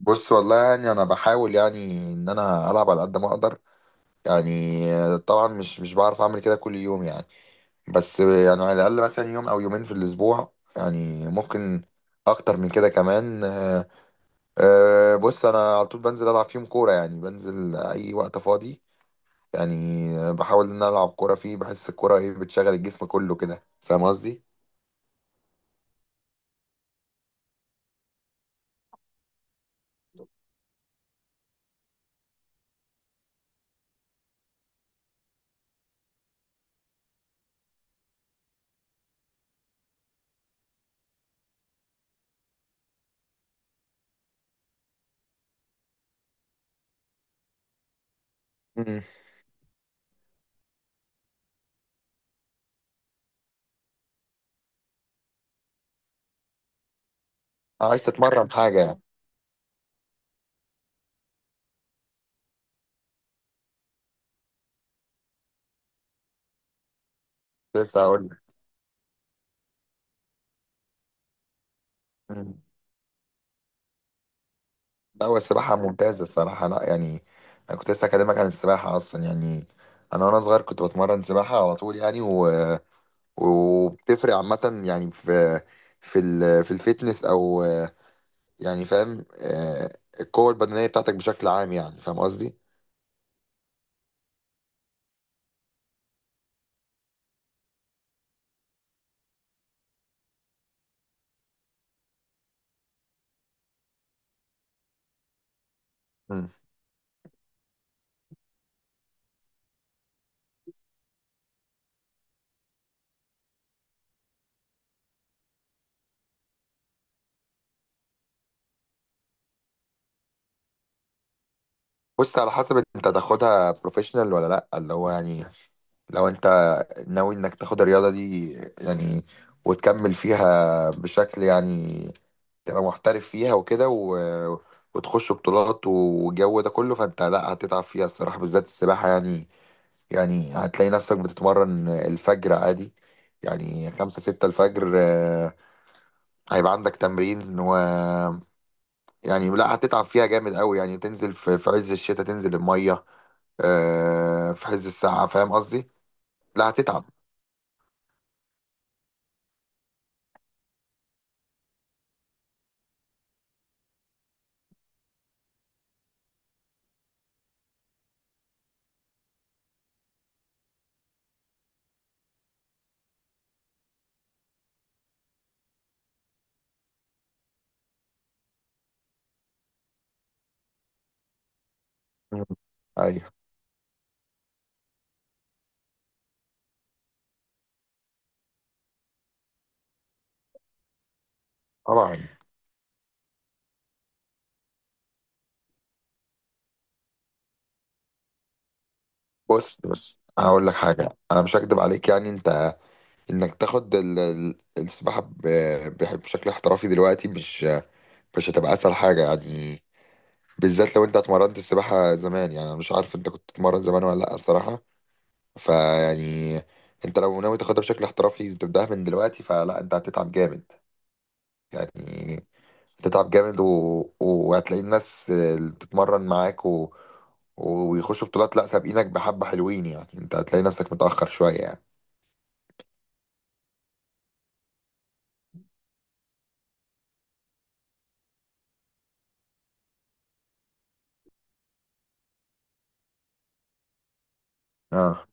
بص والله، انا بحاول، يعني ان انا العب على قد ما اقدر. يعني طبعا مش بعرف اعمل كده كل يوم. يعني بس يعني على الاقل مثلا يوم او يومين في الاسبوع، يعني ممكن اكتر من كده كمان. بص، انا على طول بنزل العب فيهم كوره، بنزل اي وقت فاضي. يعني بحاول ان انا العب كوره فيه، بحس الكوره ايه بتشغل الجسم كله كده، فاهم قصدي؟ مم. عايز تتمرن حاجه يعني؟ لسه هقول لك. لا، هو السباحة ممتازة الصراحة، لا يعني، أنا كنت لسه أكلمك عن السباحة أصلا. يعني أنا وأنا صغير كنت بتمرن سباحة على طول، وبتفرق عامة، يعني في في الفيتنس، أو فاهم، القوة البدنية بتاعتك بشكل عام، يعني فاهم قصدي؟ مم. بص، على حسب أنت تاخدها بروفيشنال ولا لأ. اللي هو يعني لو أنت ناوي إنك تاخد الرياضة دي، يعني وتكمل فيها بشكل، تبقى محترف فيها وكده، وتخش بطولات والجو ده كله، فانت لا هتتعب فيها الصراحة، بالذات السباحة. يعني يعني هتلاقي نفسك بتتمرن الفجر عادي، يعني خمسة ستة الفجر. هيبقى عندك تمرين، و لا هتتعب فيها جامد قوي. يعني تنزل في عز الشتاء، تنزل المية في عز الساعة، فاهم قصدي؟ لا هتتعب. مم. ايوه. طبعا. بص، هقول لك حاجة، انا مش هكدب عليك. يعني انت، انك تاخد ال- ال- السباحه ب- ب- بشكل احترافي دلوقتي، مش هتبقى اسهل حاجه، يعني بالذات لو انت اتمرنت السباحه زمان. يعني انا مش عارف انت كنت بتتمرن زمان ولا لا الصراحه. فيعني انت لو ناوي تاخدها بشكل احترافي وتبداها من دلوقتي، فلا، انت هتتعب جامد، يعني هتتعب جامد، وهتلاقي الناس اللي بتتمرن معاك ويخشوا بطولات لا سابقينك بحبه حلوين، يعني انت هتلاقي نفسك متاخر شويه يعني. اه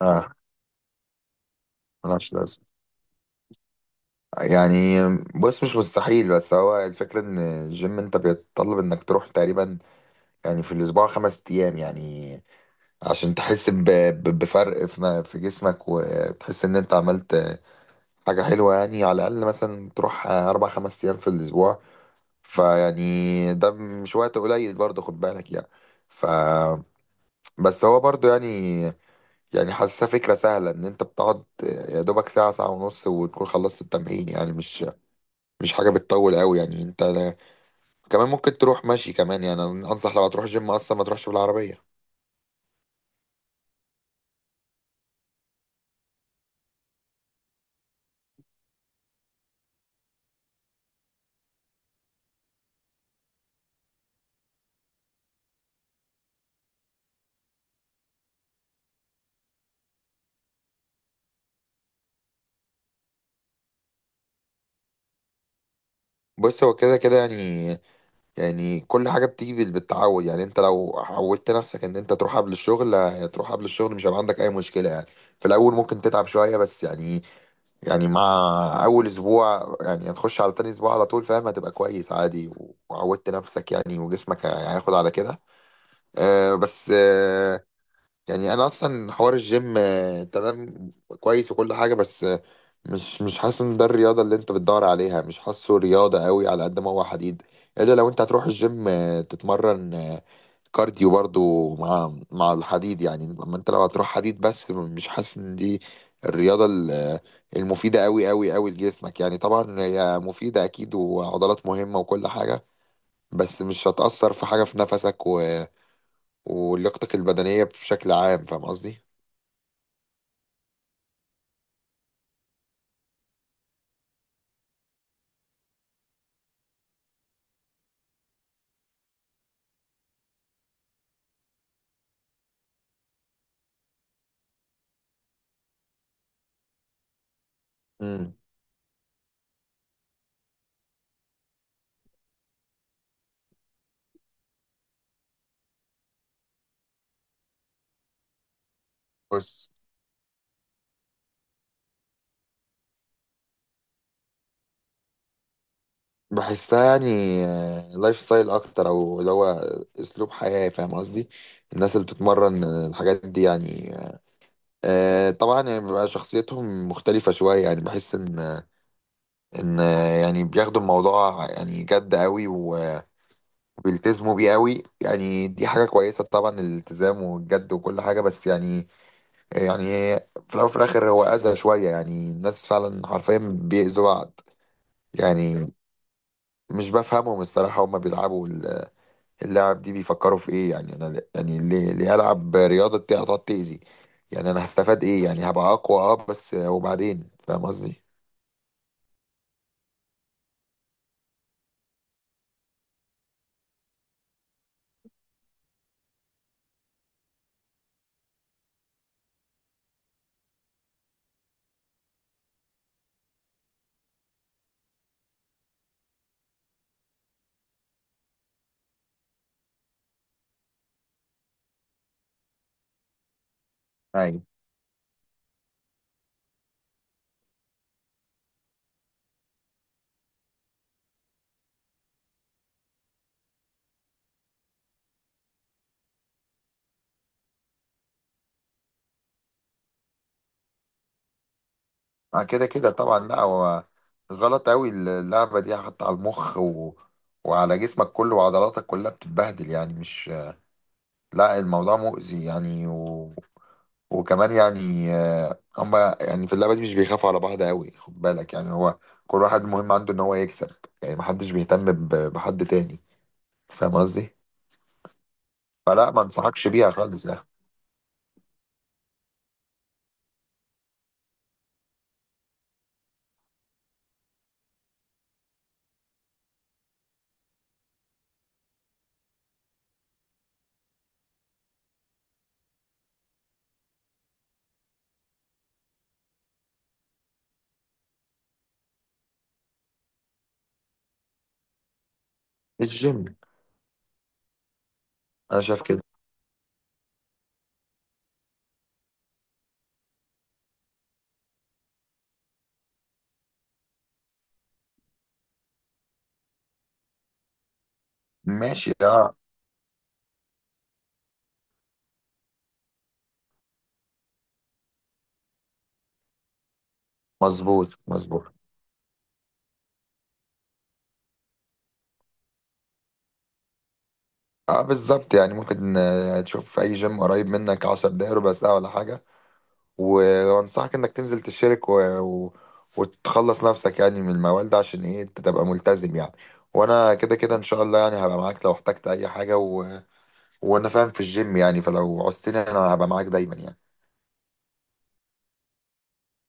اه، ملهاش لازمه. يعني بص، مش مستحيل، بس هو الفكرة ان الجيم انت بيتطلب انك تروح تقريبا يعني في الاسبوع خمس ايام، يعني عشان تحس بفرق في جسمك، وتحس ان انت عملت حاجة حلوة، يعني على الاقل مثلا تروح اربع خمس ايام في الاسبوع. فيعني ده مش وقت قليل برضه، خد بالك. يعني ف بس هو برضه يعني، يعني حاسسها فكرة سهلة، ان انت بتقعد يا دوبك ساعة ونص وتكون خلصت التمرين. يعني مش مش حاجه بتطول قوي. يعني انت لا- كمان ممكن تروح ماشي كمان. يعني انا انصح لو هتروح جيم اصلا ما تروحش بالعربيه. بص، هو كده كده يعني، يعني كل حاجه بتيجي بالتعود. يعني انت لو عودت نفسك ان انت تروح قبل الشغل، هتروح قبل الشغل، مش هيبقى عندك اي مشكله. يعني في الاول ممكن تتعب شويه، بس يعني، يعني مع اول اسبوع، يعني هتخش على تاني اسبوع على طول، فاهم؟ هتبقى كويس عادي، وعودت نفسك، يعني وجسمك هياخد على كده. آه، بس آه يعني انا اصلا حوار الجيم تمام كويس وكل حاجه، بس مش مش حاسس ان ده الرياضه اللي انت بتدور عليها. مش حاسه رياضه قوي على قد ما هو حديد، الا لو انت هتروح الجيم تتمرن كارديو برضو مع مع الحديد. يعني اما انت لو هتروح حديد بس، مش حاسس ان دي الرياضه المفيده قوي قوي قوي لجسمك. يعني طبعا هي مفيده اكيد، وعضلات مهمه وكل حاجه، بس مش هتأثر في حاجة في نفسك و... آه، ولياقتك البدنية بشكل عام، فاهم قصدي؟ امم. بص، بحسها يعني لايف ستايل اكتر، او اللي هو اسلوب حياه، فاهم قصدي؟ الناس اللي بتتمرن الحاجات دي، طبعا يعني بيبقى شخصيتهم مختلفه شويه. يعني بحس ان بياخدوا الموضوع يعني جد قوي، وبيلتزموا بيه قوي. يعني دي حاجه كويسه طبعا، الالتزام والجد وكل حاجه، بس يعني، يعني في الاول وفي الاخر هو اذى شويه. يعني الناس فعلا حرفيا بيأذوا بعض، يعني مش بفهمهم الصراحة. هما بيلعبوا اللاعب دي، بيفكروا في ايه؟ يعني انا يعني، ليه ليه هلعب رياضه دي هتقعد تاذي؟ يعني انا هستفاد ايه؟ يعني هبقى اقوى، اه، بس وبعدين، فاهم قصدي؟ ايوه. آه، كده كده طبعا. لا، هو غلط قوي اللعبه دي، حتى على المخ، وعلى جسمك كله وعضلاتك كلها بتتبهدل. يعني مش، لا، الموضوع مؤذي. وكمان يعني، هما يعني في اللعبه دي مش بيخافوا على بعض قوي، خد بالك. يعني هو كل واحد مهم عنده ان هو يكسب، يعني محدش بيهتم بحد تاني، فاهم قصدي؟ فلا، ما انصحكش بيها خالص. يعني الجيم، انا شايف كده. ماشي، اه. مظبوط مظبوط. اه بالظبط. يعني ممكن تشوف في اي جيم قريب منك 10 دقايق ربع ساعه ولا حاجه، وانصحك انك تنزل تشترك و... وتخلص نفسك يعني من الموال ده، عشان ايه انت تبقى ملتزم. يعني وانا كده كده ان شاء الله، يعني هبقى معاك لو احتجت اي حاجه، وانا فاهم في الجيم، يعني فلو عوزتني انا هبقى معاك دايما يعني.